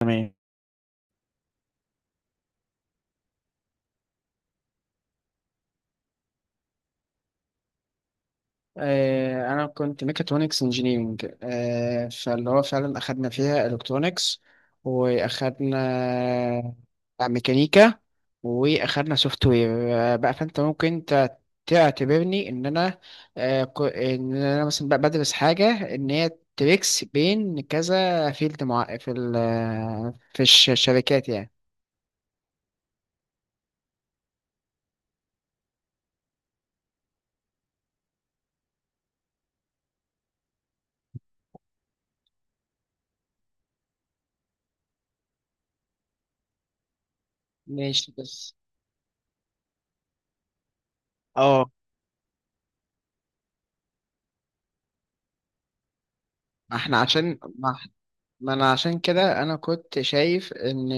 تمام. انا كنت ميكاترونكس انجينيرنج، فاللي هو فعلا اخدنا فيها الكترونكس، واخدنا ميكانيكا، واخدنا سوفت وير. بقى فانت ممكن تعتبرني ان انا، ان انا مثلا بقى بدرس حاجه ان هي تريكس بين كذا فيلد مع في ال الشركات يعني. ماشي بس اه. ما احنا عشان ما انا عشان كده انا كنت شايف ان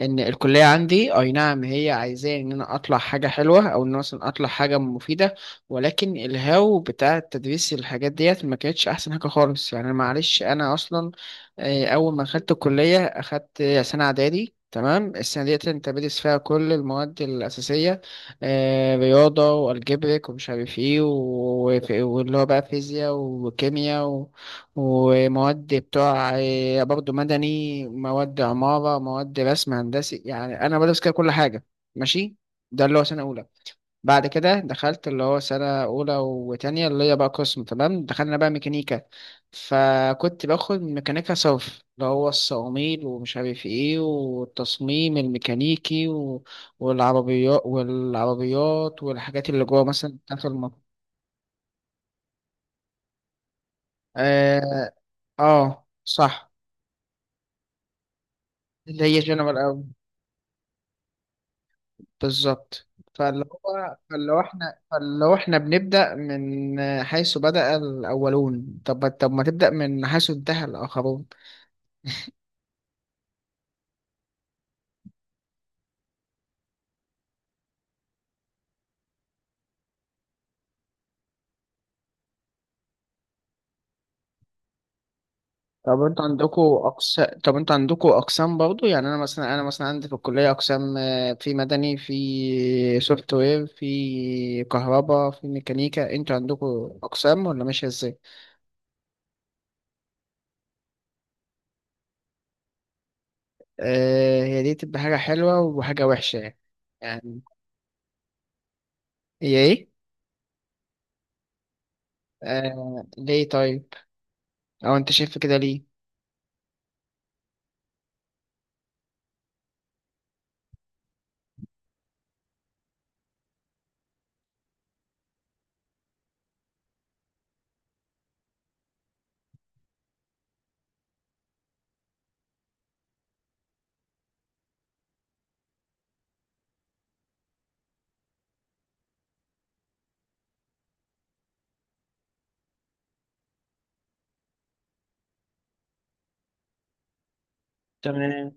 الكليه عندي، اي نعم، هي عايزاه ان انا اطلع حاجه حلوه، او ان أنا مثلا اطلع حاجه مفيده. ولكن الهاو بتاع تدريس الحاجات ديت ما كانتش احسن حاجه خالص. يعني معلش انا اصلا، اول ما دخلت الكليه اخدت سنه اعدادي. تمام. السنة ديت انت بتدرس فيها كل المواد الأساسية، رياضة والجبرك ومش عارف ايه واللي هو بقى فيزياء وكيمياء ومواد بتوع، برضه مدني، مواد عمارة، مواد رسم هندسي. يعني أنا بدرس كده كل حاجة. ماشي. ده اللي هو سنة أولى. بعد كده دخلت اللي هو سنة أولى وتانية، اللي هي بقى قسم. تمام. دخلنا بقى ميكانيكا، فكنت باخد ميكانيكا صرف اللي هو الصواميل ومش عارف ايه، والتصميم الميكانيكي، و... والعربيات والعربيات والحاجات اللي جوه مثلا بتاعت المطر. اه. صح. اللي هي جنرال. بالظبط. فاللي هو فلو احنا بنبدأ من حيث بدأ الأولون، طب ما تبدأ من حيث انتهى الآخرون. طب انتوا عندكوا أقسام برضو. يعني أنا مثلا عندي في الكلية أقسام، في مدني، في سوفت وير، في كهرباء، في ميكانيكا. انتوا عندكوا أقسام ولا ماشية ازاي؟ هي دي تبقى حاجة حلوة وحاجة وحشة يعني. يعني هي ايه؟ آه، ليه طيب؟ أو انت شايف كده ليه؟ تمام.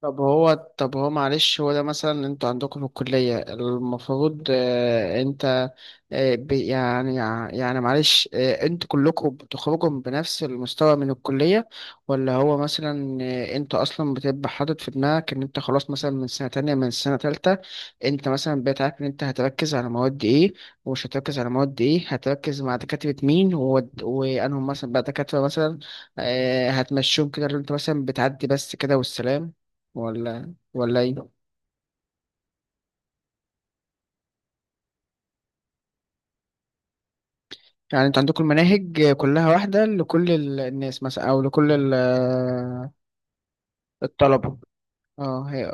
طب هو معلش هو ده مثلا انتوا عندكم في الكلية المفروض اه انت، يعني يعني معلش اه، انتوا كلكم بتخرجوا بنفس المستوى من الكلية، ولا هو مثلا اه انت اصلا بتبقى حاطط في دماغك ان انت خلاص مثلا من سنة تانية من سنة تالتة انت مثلا بقيت عارف ان انت هتركز على مواد ايه ومش هتركز على مواد ايه، هتركز مع دكاترة مين، وانهم مثلا بقى دكاترة مثلا اه هتمشيهم كده اللي انت مثلا بتعدي بس كده والسلام، ولا ايه؟ يعني انتوا عندكم المناهج كلها واحدة لكل الناس مثلا او لكل الطلبة؟ اه هي.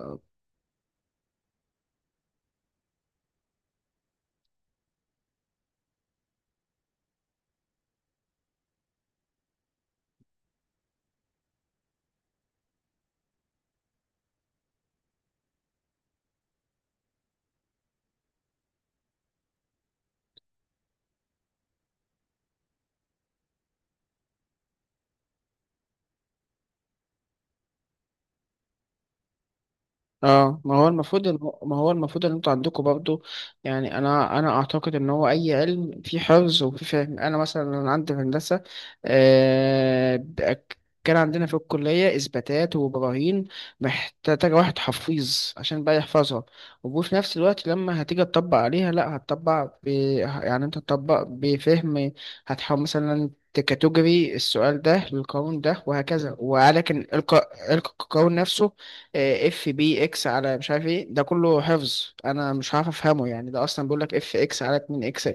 اه ما هو المفروض ما هو المفروض ان انتوا عندكم برضو. يعني انا اعتقد ان هو اي علم فيه حفظ وفيه فهم. انا عندي في هندسه، آه ب- كان عندنا في الكليه اثباتات وبراهين محتاجه واحد حفيظ عشان بقى يحفظها. وفي نفس الوقت لما هتيجي تطبق عليها لا هتطبق يعني انت تطبق بفهم. هتحاول مثلا تكاتيجوري السؤال ده للقانون ده وهكذا، ولكن القانون نفسه اف بي اكس على مش عارف ايه ده كله حفظ. انا مش عارف افهمه. يعني ده اصلا بيقول لك اف اكس على 2 اكس،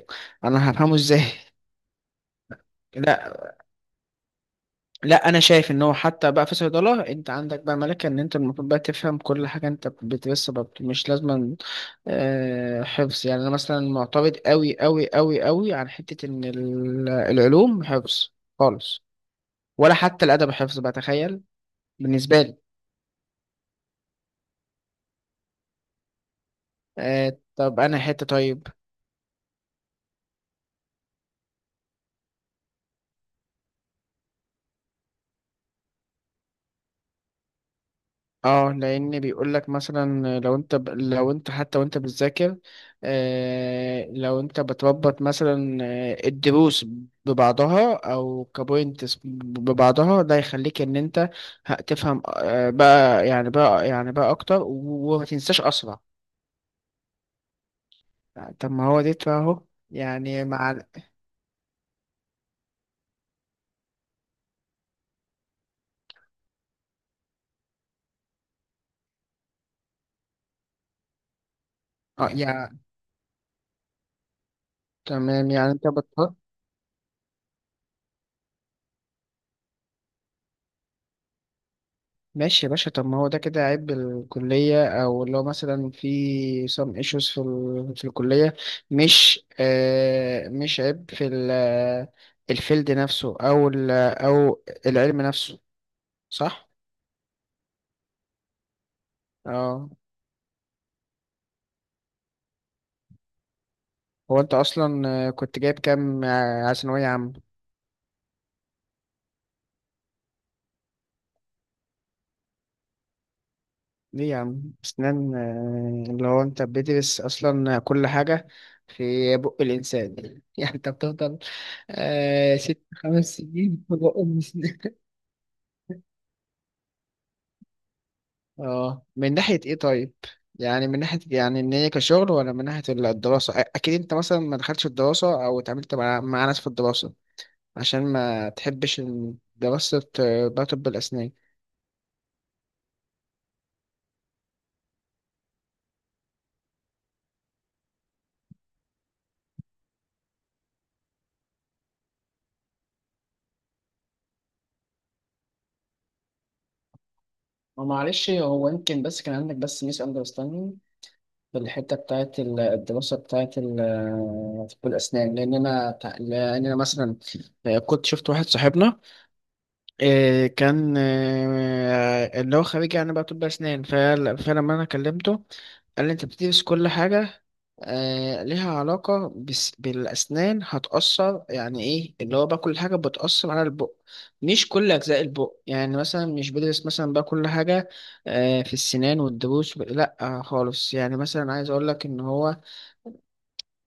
انا هفهمه ازاي؟ لا. لا انا شايف ان هو حتى بقى في صيدله انت عندك بقى ملكه ان انت المفروض بقى تفهم كل حاجه انت بتدرسها، بقى مش لازم حفظ. يعني انا مثلا معترض قوي قوي قوي قوي عن حته ان العلوم حفظ خالص، ولا حتى الادب حفظ بقى. تخيل. بالنسبه لي. طب انا حته طيب. اه لان بيقول لك مثلا لو انت لو انت حتى وانت بتذاكر آه، لو انت بتربط مثلا الدروس ببعضها او كبوينتس ببعضها، ده يخليك ان انت هتفهم آه بقى، يعني بقى اكتر وما تنساش اسرع. يعني طب ما هو دي اهو. يعني مع اه يعني تمام. يعني انت ماشي يا باشا. طب ما هو ده كده عيب الكلية، أو اللي هو مثلا في some issues في في الكلية، مش آه، مش عيب في الفيلد نفسه أو أو العلم نفسه، صح؟ اه هو أنت أصلا، كنت جايب كام على ثانوية عامة؟ ليه يا عم؟ أسنان اللي هو أنت بتدرس أصلا كل حاجة في بق الإنسان يعني أنت بتفضل آه ست خمس سنين في بق الإنسان. اه من ناحية ايه طيب؟ يعني من ناحية، يعني ان هي كشغل، ولا من ناحية الدراسة اكيد انت مثلا ما دخلتش الدراسة او اتعاملت مع، مع ناس في الدراسة عشان ما تحبش إن دراسة بقى طب الاسنان. هو معلش هو يمكن بس كان عندك بس ميس اندرستاندينج في الحته بتاعت الدراسه بتاعت طب الاسنان، لان انا مثلا كنت شفت واحد صاحبنا، إيه كان إيه اللي هو خريج يعني بقى طب أسنان. فلما أنا كلمته قال لي أنت بتدرس كل حاجة آه ليها علاقة بس بالأسنان هتأثر. يعني إيه اللي هو بقى كل حاجة بتأثر على البق، مش كل أجزاء البق. يعني مثلا مش بدرس مثلا بقى كل حاجة آه، في السنان والضروس لأ آه خالص. يعني مثلا عايز أقول لك إن هو،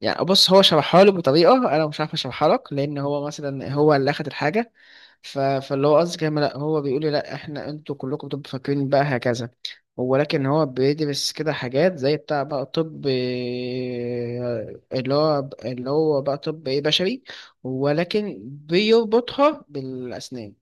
يعني بص هو شرحها لي بطريقة أنا مش عارف أشرحها لك، لأن هو مثلا هو اللي أخد الحاجة. فاللي هو قصدي كلام. لا هو بيقول لي لا احنا انتوا كلكم بتبقوا فاكرين بقى هكذا، ولكن هو بيدرس كده حاجات زي بتاع بقى طب إيه، اللي هو بقى طب ايه بشري ولكن بيربطها بالأسنان.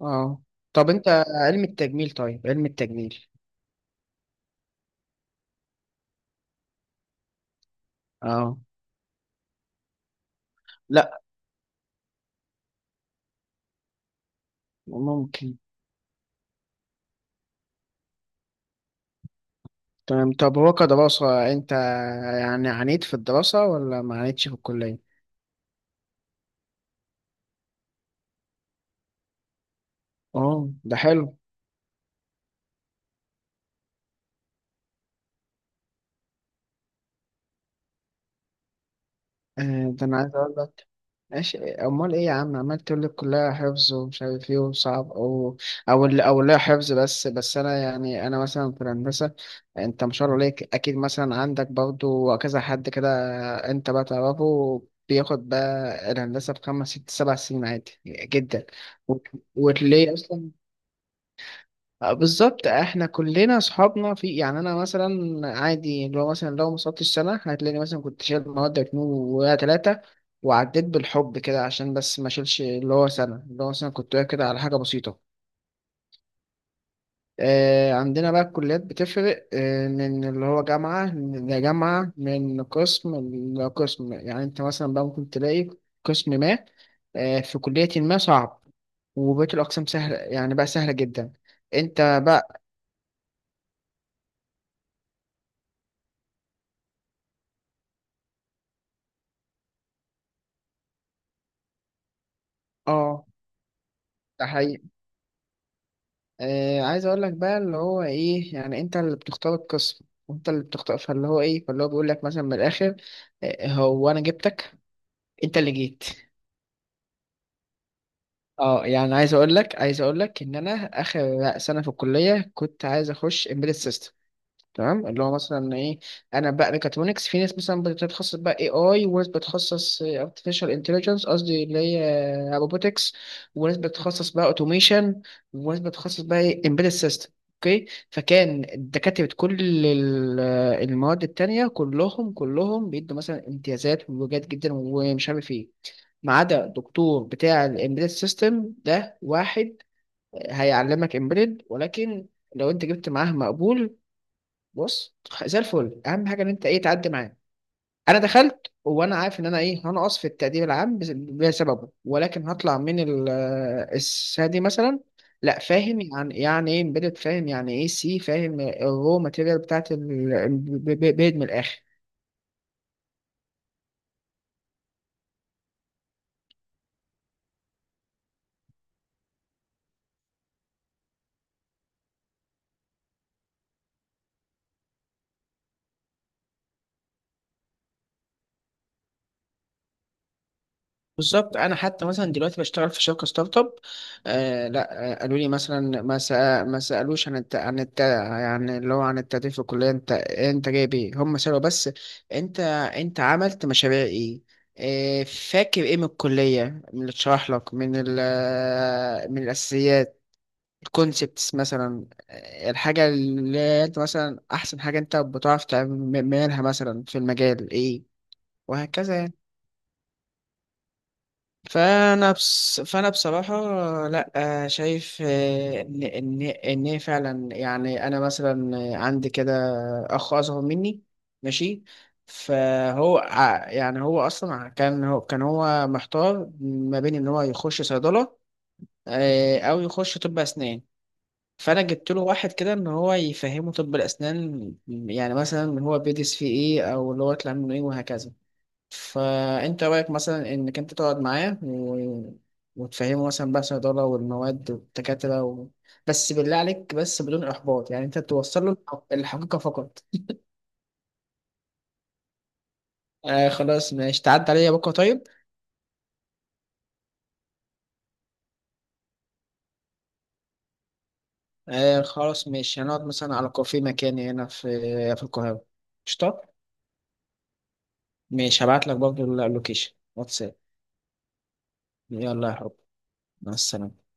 اه طب انت علم التجميل؟ طيب علم التجميل؟ اه لا ممكن. تمام. طب هو كدراسة انت يعني عانيت في الدراسة ولا ما عانيتش في الكلية؟ اه. ده حلو. ده انا عايز اقول لك. ماشي، امال ايه يا عم عمال تقول لي كلها حفظ ومش عارف ايه وصعب، او لا حفظ بس. بس انا يعني انا مثلا في الهندسه، انت ما شاء الله عليك اكيد مثلا عندك برضو كذا حد كده انت بقى تعرفه بياخد بقى الهندسه في خمس ست سبع سنين عادي جدا. وت- وتلاقيه اصلا بالظبط. احنا كلنا اصحابنا في، يعني انا مثلا عادي، لو مثلا لو ما صدتش سنه هتلاقيني مثلا كنت شايل مواد اتنين ولا تلاته وعديت بالحب كده عشان بس ما اشيلش اللي هو سنه، اللي هو مثلا كنت واقف كده على حاجه بسيطه. آه عندنا بقى الكليات بتفرق آه من اللي هو جامعه لجامعه، من قسم لقسم. يعني انت مثلا بقى ممكن تلاقي قسم ما آه في كليه ما صعب وبقيه الاقسام سهله، يعني بقى سهله جدا. انت بقى. اه ده حقيقي. آه عايز اقول لك بقى اللي هو ايه، يعني انت اللي بتختار القسم وانت اللي بتختار، فاللي هو ايه، فاللي هو بيقول لك مثلا من الاخر آه هو انا جبتك، انت اللي جيت. اه يعني عايز اقول لك ان انا اخر سنه في الكليه كنت عايز اخش embedded system. تمام، اللي هو مثلا ايه، انا بقى ميكاترونكس في ناس مثلا بتتخصص بقى اي اي وناس بتتخصص ارتفيشال انتليجنس، قصدي اللي هي روبوتكس، وناس بتتخصص بقى اوتوميشن، وناس بتتخصص بقى ايه امبيدد سيستم. اوكي. فكان دكاترة كل ال- المواد التانية كلهم بيدوا مثلا امتيازات وجات جدا ومش عارف ايه، ما عدا دكتور بتاع الامبيدد سيستم ده، واحد هيعلمك امبيدد ولكن لو انت جبت معاه مقبول بص زي الفل. اهم حاجه ان انت ايه تعدي معاه. انا دخلت وانا عارف ان انا ايه هنقص في التقدير العام بسببه، ولكن هطلع من السنه دي مثلا لا فاهم. يعني يعني ايه امبيدد فاهم، يعني ايه سي فاهم، الرو ماتيريال بتاعت الامبيدد من الاخر بالظبط. انا حتى مثلا دلوقتي بشتغل في شركه ستارت اب. آه لا آه قالوا لي مثلا ما سالوش عن يعني اللي هو عن التدريب في الكليه انت جايب ايه. هم سالوا بس انت انت عملت مشاريع ايه، آه فاكر ايه من الكليه، من اللي اتشرح لك من من الاساسيات، الكونسبتس مثلا الحاجه اللي انت مثلا احسن حاجه انت بتعرف تعملها مثلا في المجال ايه وهكذا يعني. فانا بصراحه لا شايف ان ان هي فعلا. يعني انا مثلا عندي كده اخ اصغر مني. ماشي. فهو يعني هو اصلا كان هو محتار ما بين ان هو يخش صيدله او يخش طب اسنان. فانا جبت له واحد كده ان هو يفهمه طب الاسنان، يعني مثلا هو بيدرس فيه ايه او اللي هو يطلع منه ايه وهكذا. فانت رايك مثلا انك انت تقعد معاه و... وتفهمه مثلا بقى الصيدله والمواد والدكاتره، و... بس بالله عليك بس بدون احباط. يعني انت توصل له الحقيقه فقط. خلاص ماشي، تعدي عليا بكره طيب. خلاص ماشي، هنقعد مثلا على كافيه مكاني هنا في في القاهره. قشطه. ماشي هبعت لك برضه اللوكيشن واتساب. يلا يا حب، مع السلامه.